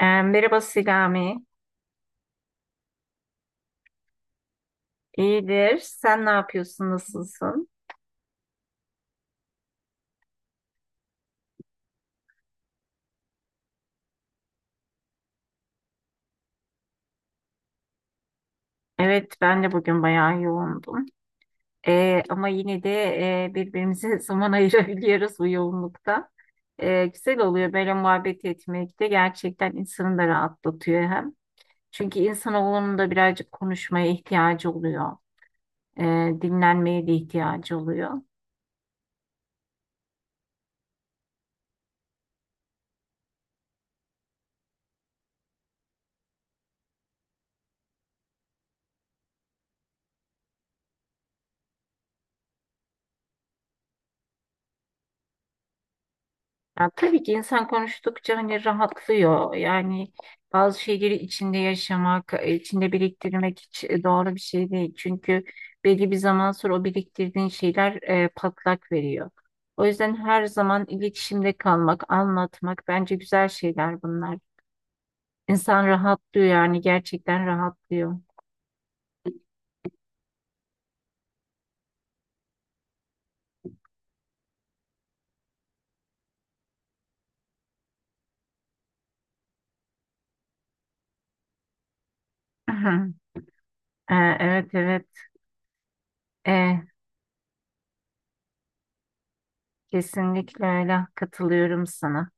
Merhaba Selami. İyidir. Sen ne yapıyorsun? Nasılsın? Evet, ben de bugün bayağı yoğundum. Ama yine de birbirimize zaman ayırabiliyoruz bu yoğunlukta. Güzel oluyor böyle muhabbet etmek de gerçekten insanı da rahatlatıyor hem. Çünkü insanoğlunun da birazcık konuşmaya ihtiyacı oluyor. e, Dinlenmeye de ihtiyacı oluyor. Ya tabii ki insan konuştukça hani rahatlıyor. Yani bazı şeyleri içinde yaşamak, içinde biriktirmek hiç doğru bir şey değil. Çünkü belli bir zaman sonra o biriktirdiğin şeyler patlak veriyor. O yüzden her zaman iletişimde kalmak, anlatmak bence güzel şeyler bunlar. İnsan rahatlıyor yani gerçekten rahatlıyor. Aha. Ee, evet, evet. Ee, Kesinlikle öyle, katılıyorum sana.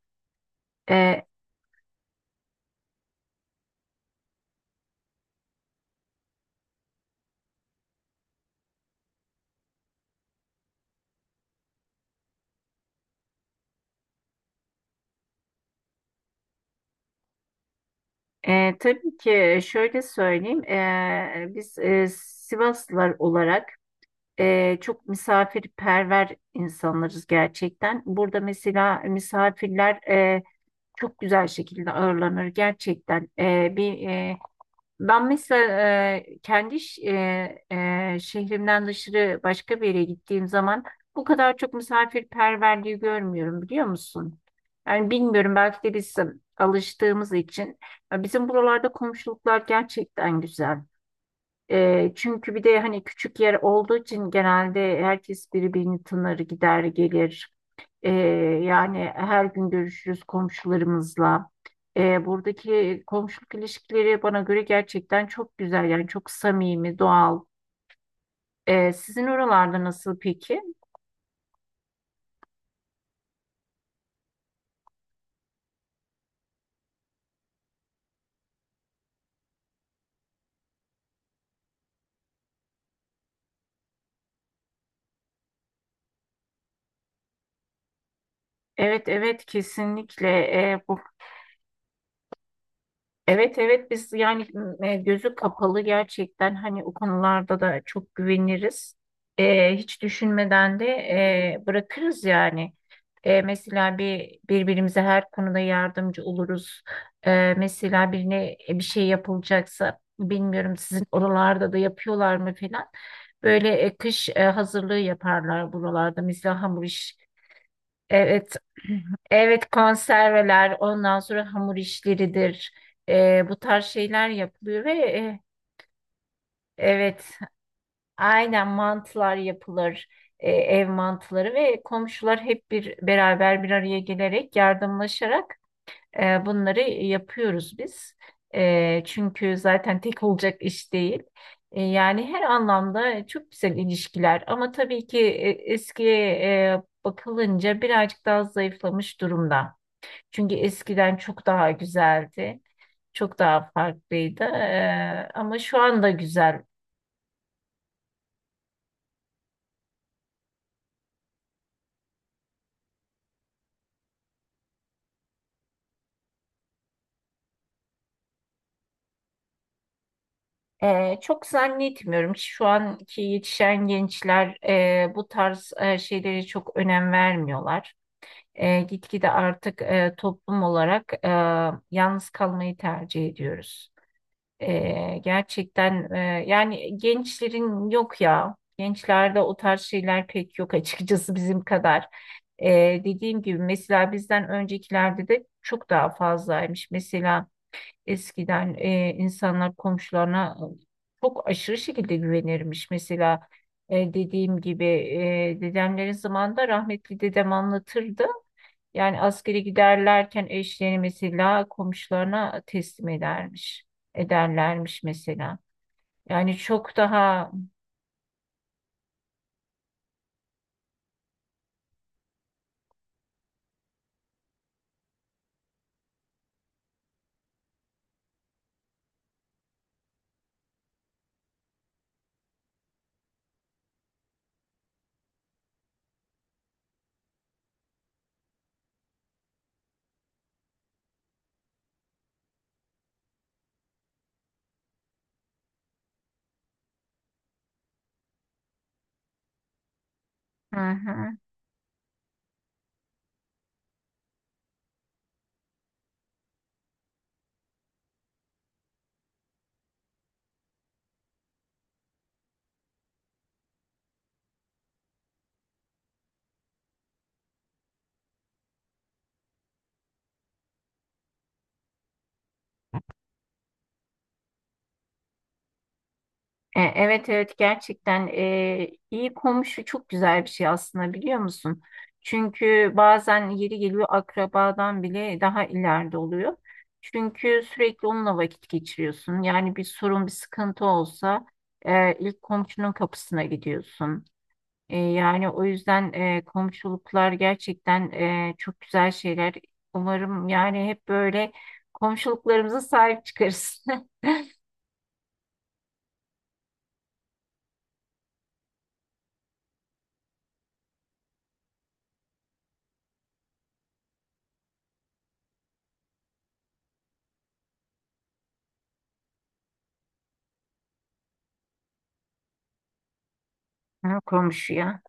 Ee, tabii ki şöyle söyleyeyim. Biz Sivaslılar olarak çok misafirperver insanlarız gerçekten. Burada mesela misafirler çok güzel şekilde ağırlanır gerçekten. Ben mesela e, kendi ş- e, e, şehrimden dışarı başka bir yere gittiğim zaman bu kadar çok misafirperverliği görmüyorum biliyor musun? Yani bilmiyorum, belki de biz alıştığımız için. Bizim buralarda komşuluklar gerçekten güzel. Çünkü bir de hani küçük yer olduğu için genelde herkes birbirini tanır, gider gelir. E, Yani her gün görüşürüz komşularımızla. Buradaki komşuluk ilişkileri bana göre gerçekten çok güzel. Yani çok samimi, doğal. Sizin oralarda nasıl peki? Evet, evet, kesinlikle. Bu Evet, evet, biz yani gözü kapalı gerçekten hani o konularda da çok güveniriz. Hiç düşünmeden de bırakırız yani. E, mesela birbirimize her konuda yardımcı oluruz. Mesela birine bir şey yapılacaksa bilmiyorum sizin oralarda da yapıyorlar mı falan. Böyle kış hazırlığı yaparlar buralarda. Mesela hamur iş. Evet, evet konserveler, ondan sonra hamur işleridir. Bu tarz şeyler yapılıyor ve evet, aynen mantılar yapılır. Ev mantıları ve komşular hep bir beraber bir araya gelerek yardımlaşarak bunları yapıyoruz biz. Çünkü zaten tek olacak iş değil. Yani her anlamda çok güzel ilişkiler. Ama tabii ki eskiye bakılınca birazcık daha zayıflamış durumda. Çünkü eskiden çok daha güzeldi. Çok daha farklıydı. Ama şu anda güzel. Çok zannetmiyorum ki şu anki yetişen gençler bu tarz şeylere çok önem vermiyorlar. Gitgide artık toplum olarak yalnız kalmayı tercih ediyoruz. Gerçekten yani gençlerin, yok ya. Gençlerde o tarz şeyler pek yok açıkçası bizim kadar. Dediğim gibi mesela bizden öncekilerde de çok daha fazlaymış. Mesela eskiden insanlar komşularına çok aşırı şekilde güvenirmiş. Mesela dediğim gibi dedemlerin zamanında rahmetli dedem anlatırdı. Yani askeri giderlerken eşlerini mesela komşularına teslim edermiş. Ederlermiş mesela. Yani çok daha. Hı hı. Evet, evet, gerçekten iyi komşu çok güzel bir şey aslında, biliyor musun? Çünkü bazen yeri geliyor akrabadan bile daha ileride oluyor. Çünkü sürekli onunla vakit geçiriyorsun. Yani bir sorun bir sıkıntı olsa ilk komşunun kapısına gidiyorsun. Yani o yüzden komşuluklar gerçekten çok güzel şeyler. Umarım yani hep böyle komşuluklarımıza sahip çıkarız. Ha, komşuya.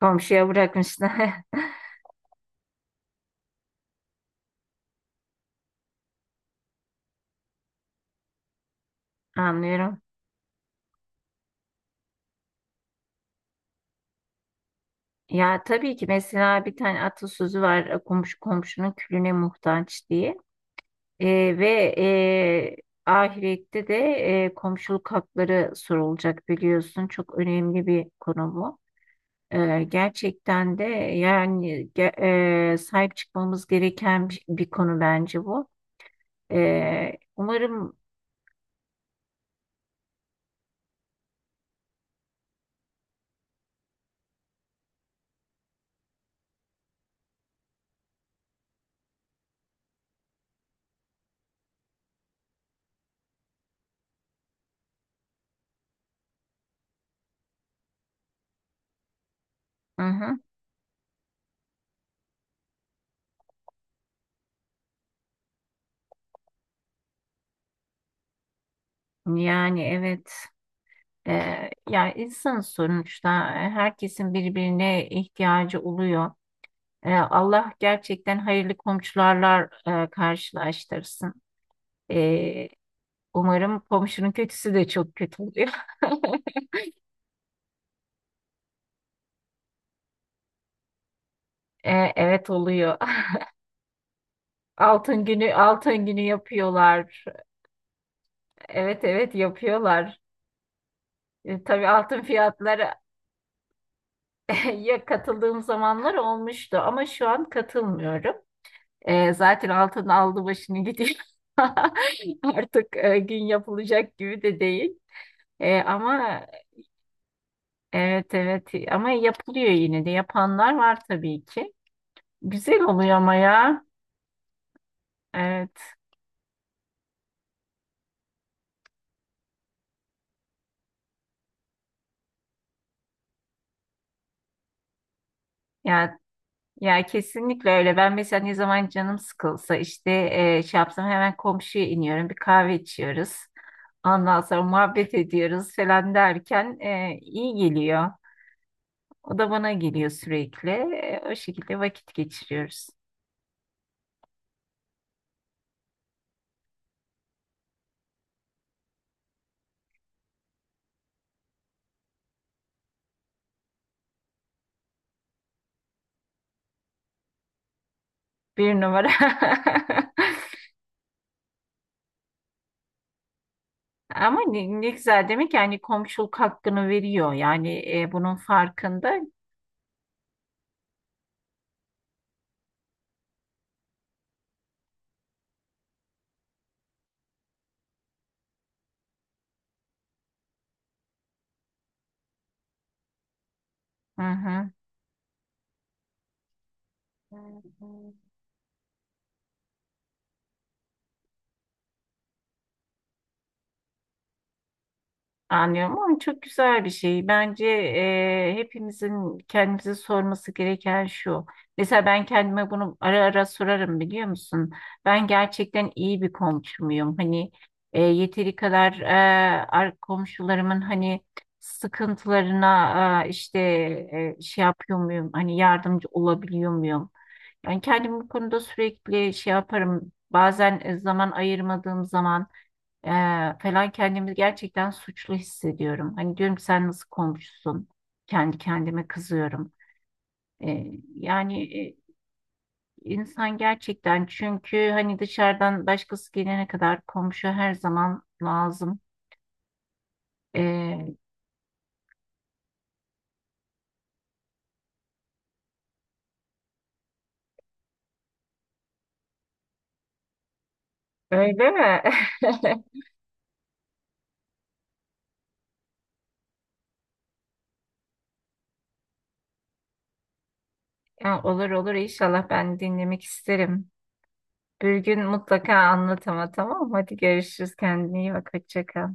Komşuya bırakmışlar. Anlıyorum. Ya tabii ki mesela bir tane atasözü var. Komşu komşunun külüne muhtaç" diye. E, ve e, Ahirette de komşuluk hakları sorulacak, biliyorsun. Çok önemli bir konu bu. Gerçekten de yani sahip çıkmamız gereken bir konu bence bu. Ee, umarım. Hı hı, yani evet. Yani insan sonuçta herkesin birbirine ihtiyacı oluyor. Allah gerçekten hayırlı komşularla karşılaştırsın. Ee, Umarım. Komşunun kötüsü de çok kötü oluyor. Evet, oluyor. Altın günü, altın günü yapıyorlar. Evet, evet, yapıyorlar. Tabii altın fiyatları. Ya katıldığım zamanlar olmuştu ama şu an katılmıyorum. Zaten altın aldı başını gidiyor. Artık gün yapılacak gibi de değil. E, ama. Evet, evet, ama yapılıyor yine de, yapanlar var tabii ki. Güzel oluyor ama ya. Evet. Ya, ya kesinlikle öyle. Ben mesela ne zaman canım sıkılsa işte şey yapsam hemen komşuya iniyorum. Bir kahve içiyoruz. Ondan sonra muhabbet ediyoruz falan derken iyi geliyor. O da bana geliyor sürekli. O şekilde vakit geçiriyoruz. Bir numara. Ama ne, ne güzel, demek yani komşuluk hakkını veriyor. Yani bunun farkında. Hı hı. Anlıyorum, ama çok güzel bir şey. Bence hepimizin kendimize sorması gereken şu: mesela ben kendime bunu ara ara sorarım, biliyor musun? Ben gerçekten iyi bir komşu muyum? Hani yeteri kadar komşularımın hani sıkıntılarına işte şey yapıyor muyum? Hani yardımcı olabiliyor muyum? Ben kendimi bu konuda sürekli şey yaparım. Bazen zaman ayırmadığım zaman ee, falan kendimi gerçekten suçlu hissediyorum. Hani diyorum ki sen nasıl komşusun? Kendi kendime kızıyorum. Ee, yani e, insan gerçekten, çünkü hani dışarıdan başkası gelene kadar komşu her zaman lazım. Ee, Öyle mi? Ya, olur olur, inşallah ben dinlemek isterim. Bir gün mutlaka anlat ama. Tamam, hadi görüşürüz. Kendine iyi bak. Hoşça kal.